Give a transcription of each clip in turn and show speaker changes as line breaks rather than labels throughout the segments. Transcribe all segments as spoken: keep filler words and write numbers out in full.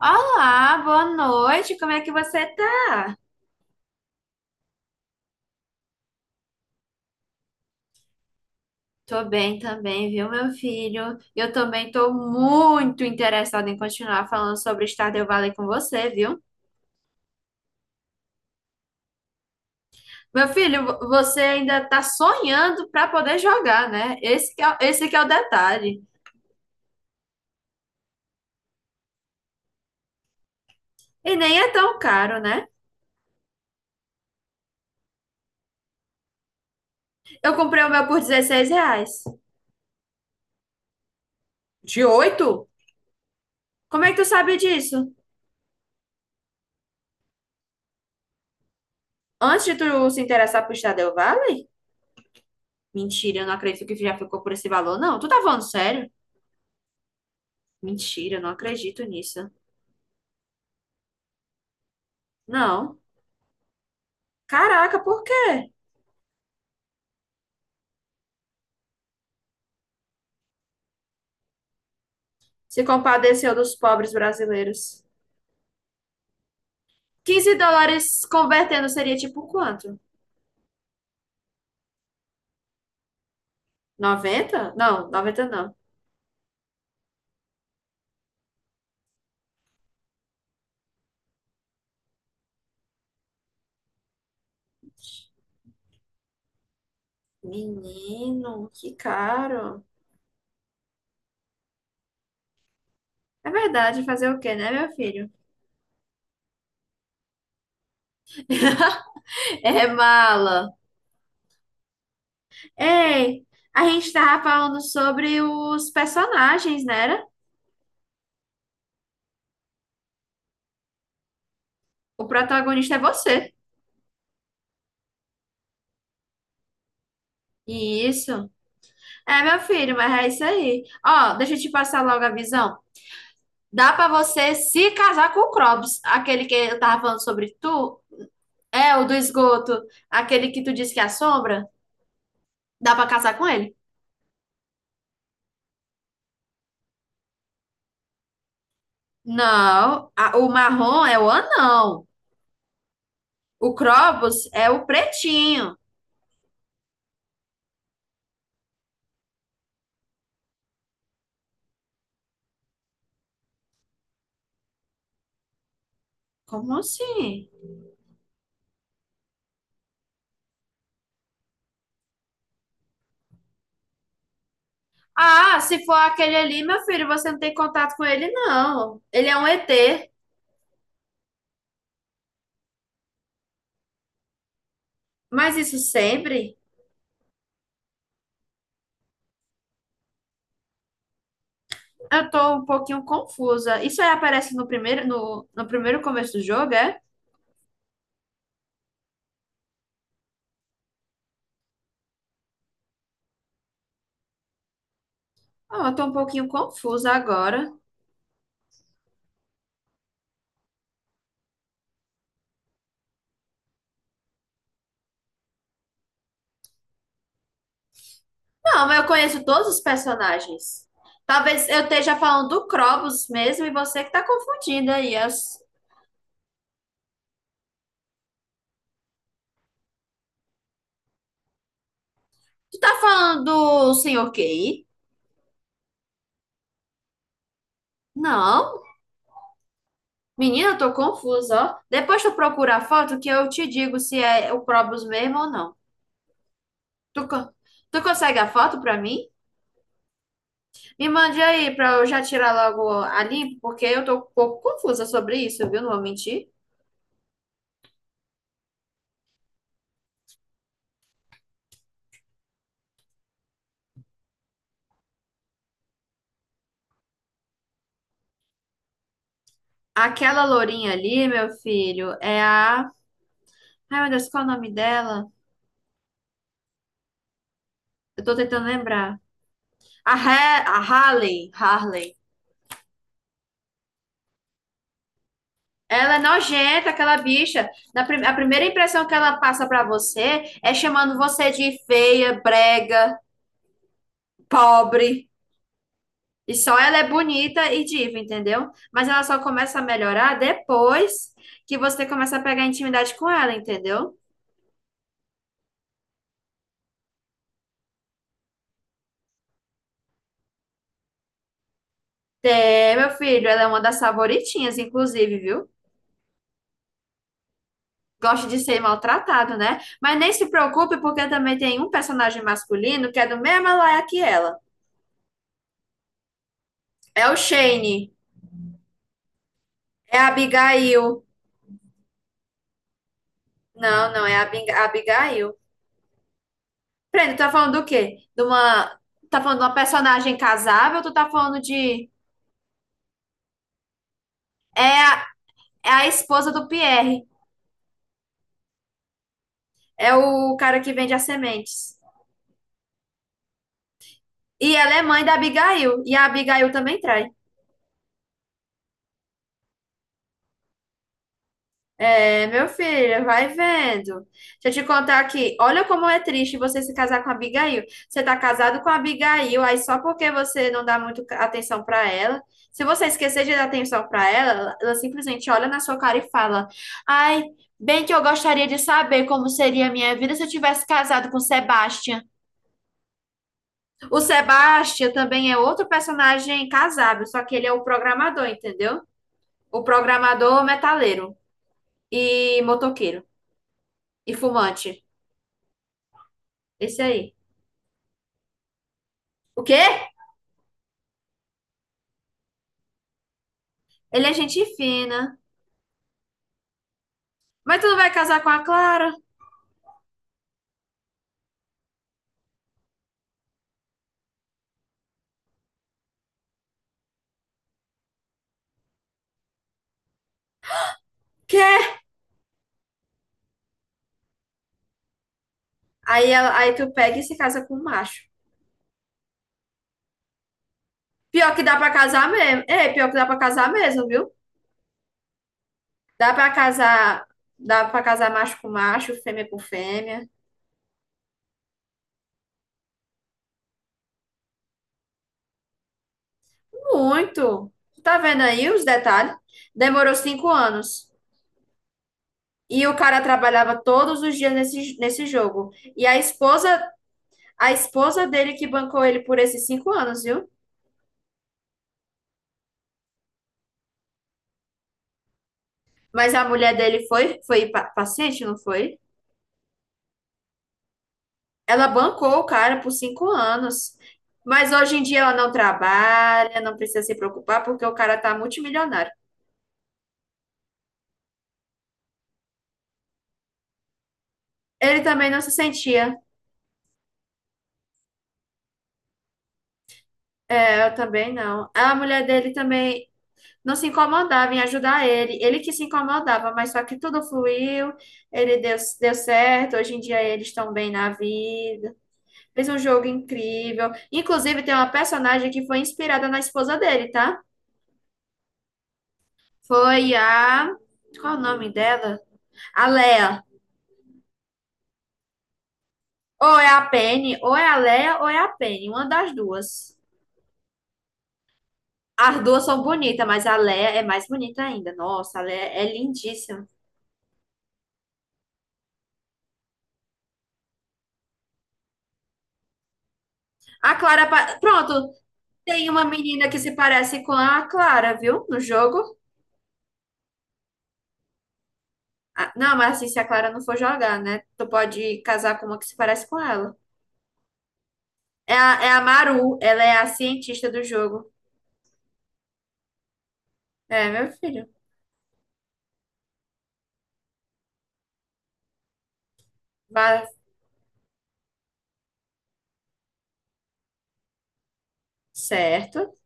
Olá, boa noite. Como é que você tá? Tô bem também, viu, meu filho? Eu também tô muito interessada em continuar falando sobre Stardew Valley com você, viu? Meu filho, vo- você ainda tá sonhando pra poder jogar, né? Esse que é, o- esse que é o detalhe. E nem é tão caro, né? Eu comprei o meu por dezesseis reais. De oito? Como é que tu sabe disso? Antes de tu se interessar por Stardew Valley? Mentira, eu não acredito que já ficou por esse valor, não. Tu tá falando sério? Mentira, não acredito nisso. Não. Caraca, por quê? Se compadeceu dos pobres brasileiros. Quinze dólares convertendo seria tipo quanto? Noventa? Não, noventa não. Menino, que caro. É verdade, fazer o quê, né, meu filho? É mala. Ei, a gente tava falando sobre os personagens, né? Era? O protagonista é você. Isso. É, meu filho, mas é isso aí. Ó, deixa eu te passar logo a visão. Dá pra você se casar com o Krobs, aquele que eu tava falando sobre tu, é o do esgoto, aquele que tu disse que assombra. Dá pra casar com ele? Não, a- o marrom é o anão. O Krobs é o pretinho. Como assim? Ah, se for aquele ali, meu filho, você não tem contato com ele, não. Ele é um E T. Mas isso sempre? Eu tô um pouquinho confusa. Isso aí aparece no primeiro, no, no primeiro começo do jogo, é? Ah, eu tô um pouquinho confusa agora. Não, mas eu conheço todos os personagens. Talvez eu esteja falando do Krobus mesmo e você que tá confundindo aí. as- Tu tá falando do Senhor Q I? Não. Menina, eu tô confusa, ó. Depois tu procura a foto que eu te digo se é o Krobus mesmo ou não. Tu, co- Tu consegue a foto pra mim? Me mande aí pra eu já tirar logo a limpo, porque eu tô um pouco confusa sobre isso, viu? Não vou mentir. Aquela lourinha ali, meu filho, é a. Ai, meu Deus, qual é o nome dela? Eu tô tentando lembrar. A, Ha- a Harley, Harley, ela é nojenta, aquela bicha. Na prim- a primeira impressão que ela passa pra você é chamando você de feia, brega, pobre. E só ela é bonita e diva, entendeu? Mas ela só começa a melhorar depois que você começa a pegar intimidade com ela, entendeu? É, meu filho, ela é uma das favoritinhas, inclusive, viu? Gosta de ser maltratado, né? Mas nem se preocupe, porque também tem um personagem masculino que é do mesmo laia que ela. É o Shane. É a Abigail. Não, não, é a Abing- a Abigail. Peraí, tu tá falando do quê? De uma. Tá falando de uma personagem casável ou tu tá falando de. É a, é a esposa do Pierre. É o cara que vende as sementes. E ela é mãe da Abigail. E a Abigail também trai. É, meu filho, vai vendo. Deixa eu te contar aqui. Olha como é triste você se casar com a Abigail. Você tá casado com a Abigail, aí só porque você não dá muito ca- atenção pra ela. Se você esquecer de dar atenção pra ela, ela ela simplesmente olha na sua cara e fala: ai, bem que eu gostaria de saber como seria a minha vida se eu tivesse casado com o Sebastian. O Sebastian também é outro personagem casável, só que ele é o programador, entendeu? O programador metaleiro e motoqueiro e fumante. Esse aí. O quê? Ele é gente fina. Mas tu não vai casar com a Clara? Quê? Aí, ela- aí tu pega e se casa com o macho. Pior que dá pra casar mesmo. É, pior que dá pra casar mesmo, viu? Dá pra casar, dá pra casar macho com macho, fêmea com fêmea. Muito. Tu Tá vendo aí os detalhes? Demorou cinco anos. E o cara trabalhava todos os dias nesse, nesse jogo. E a esposa, a esposa dele que bancou ele por esses cinco anos, viu? Mas a mulher dele foi, foi pa- paciente, não foi? Ela bancou o cara por cinco anos. Mas hoje em dia ela não trabalha, não precisa se preocupar, porque o cara tá multimilionário. Ele também não se sentia. É, eu também não. A mulher dele também não se incomodava em ajudar ele. Ele que se incomodava, mas só que tudo fluiu, ele deu, deu certo. Hoje em dia eles estão bem na vida. Fez um jogo incrível. Inclusive, tem uma personagem que foi inspirada na esposa dele, tá? Foi a. Qual é o nome dela? A Leia. Ou é a Penny, ou é a Leia, ou é a Penny. Uma das duas. As duas são bonitas, mas a Leia é mais bonita ainda. Nossa, a Leia é lindíssima. A Clara. pa- Pronto, tem uma menina que se parece com a Clara, viu? No jogo. Ah, não, mas assim, se a Clara não for jogar, né? Tu pode casar com uma que se parece com ela. É a, é a Maru, ela é a cientista do jogo. É, meu filho. Vai certo.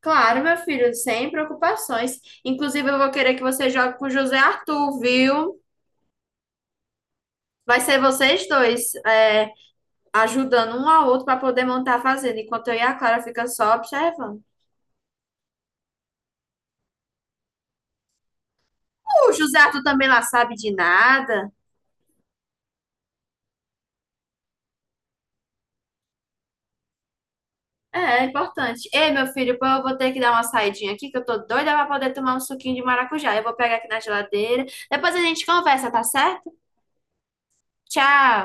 Claro, meu filho, sem preocupações. Inclusive, eu vou querer que você jogue com o José Arthur, viu? Vai ser vocês dois, é, ajudando um ao outro para poder montar a fazenda, enquanto eu e a Clara fica só observando. O José Arthur também lá sabe de nada. É, é importante. Ei, meu filho, pô, eu vou ter que dar uma saidinha aqui, que eu tô doida para poder tomar um suquinho de maracujá. Eu vou pegar aqui na geladeira. Depois a gente conversa, tá certo? Tchau.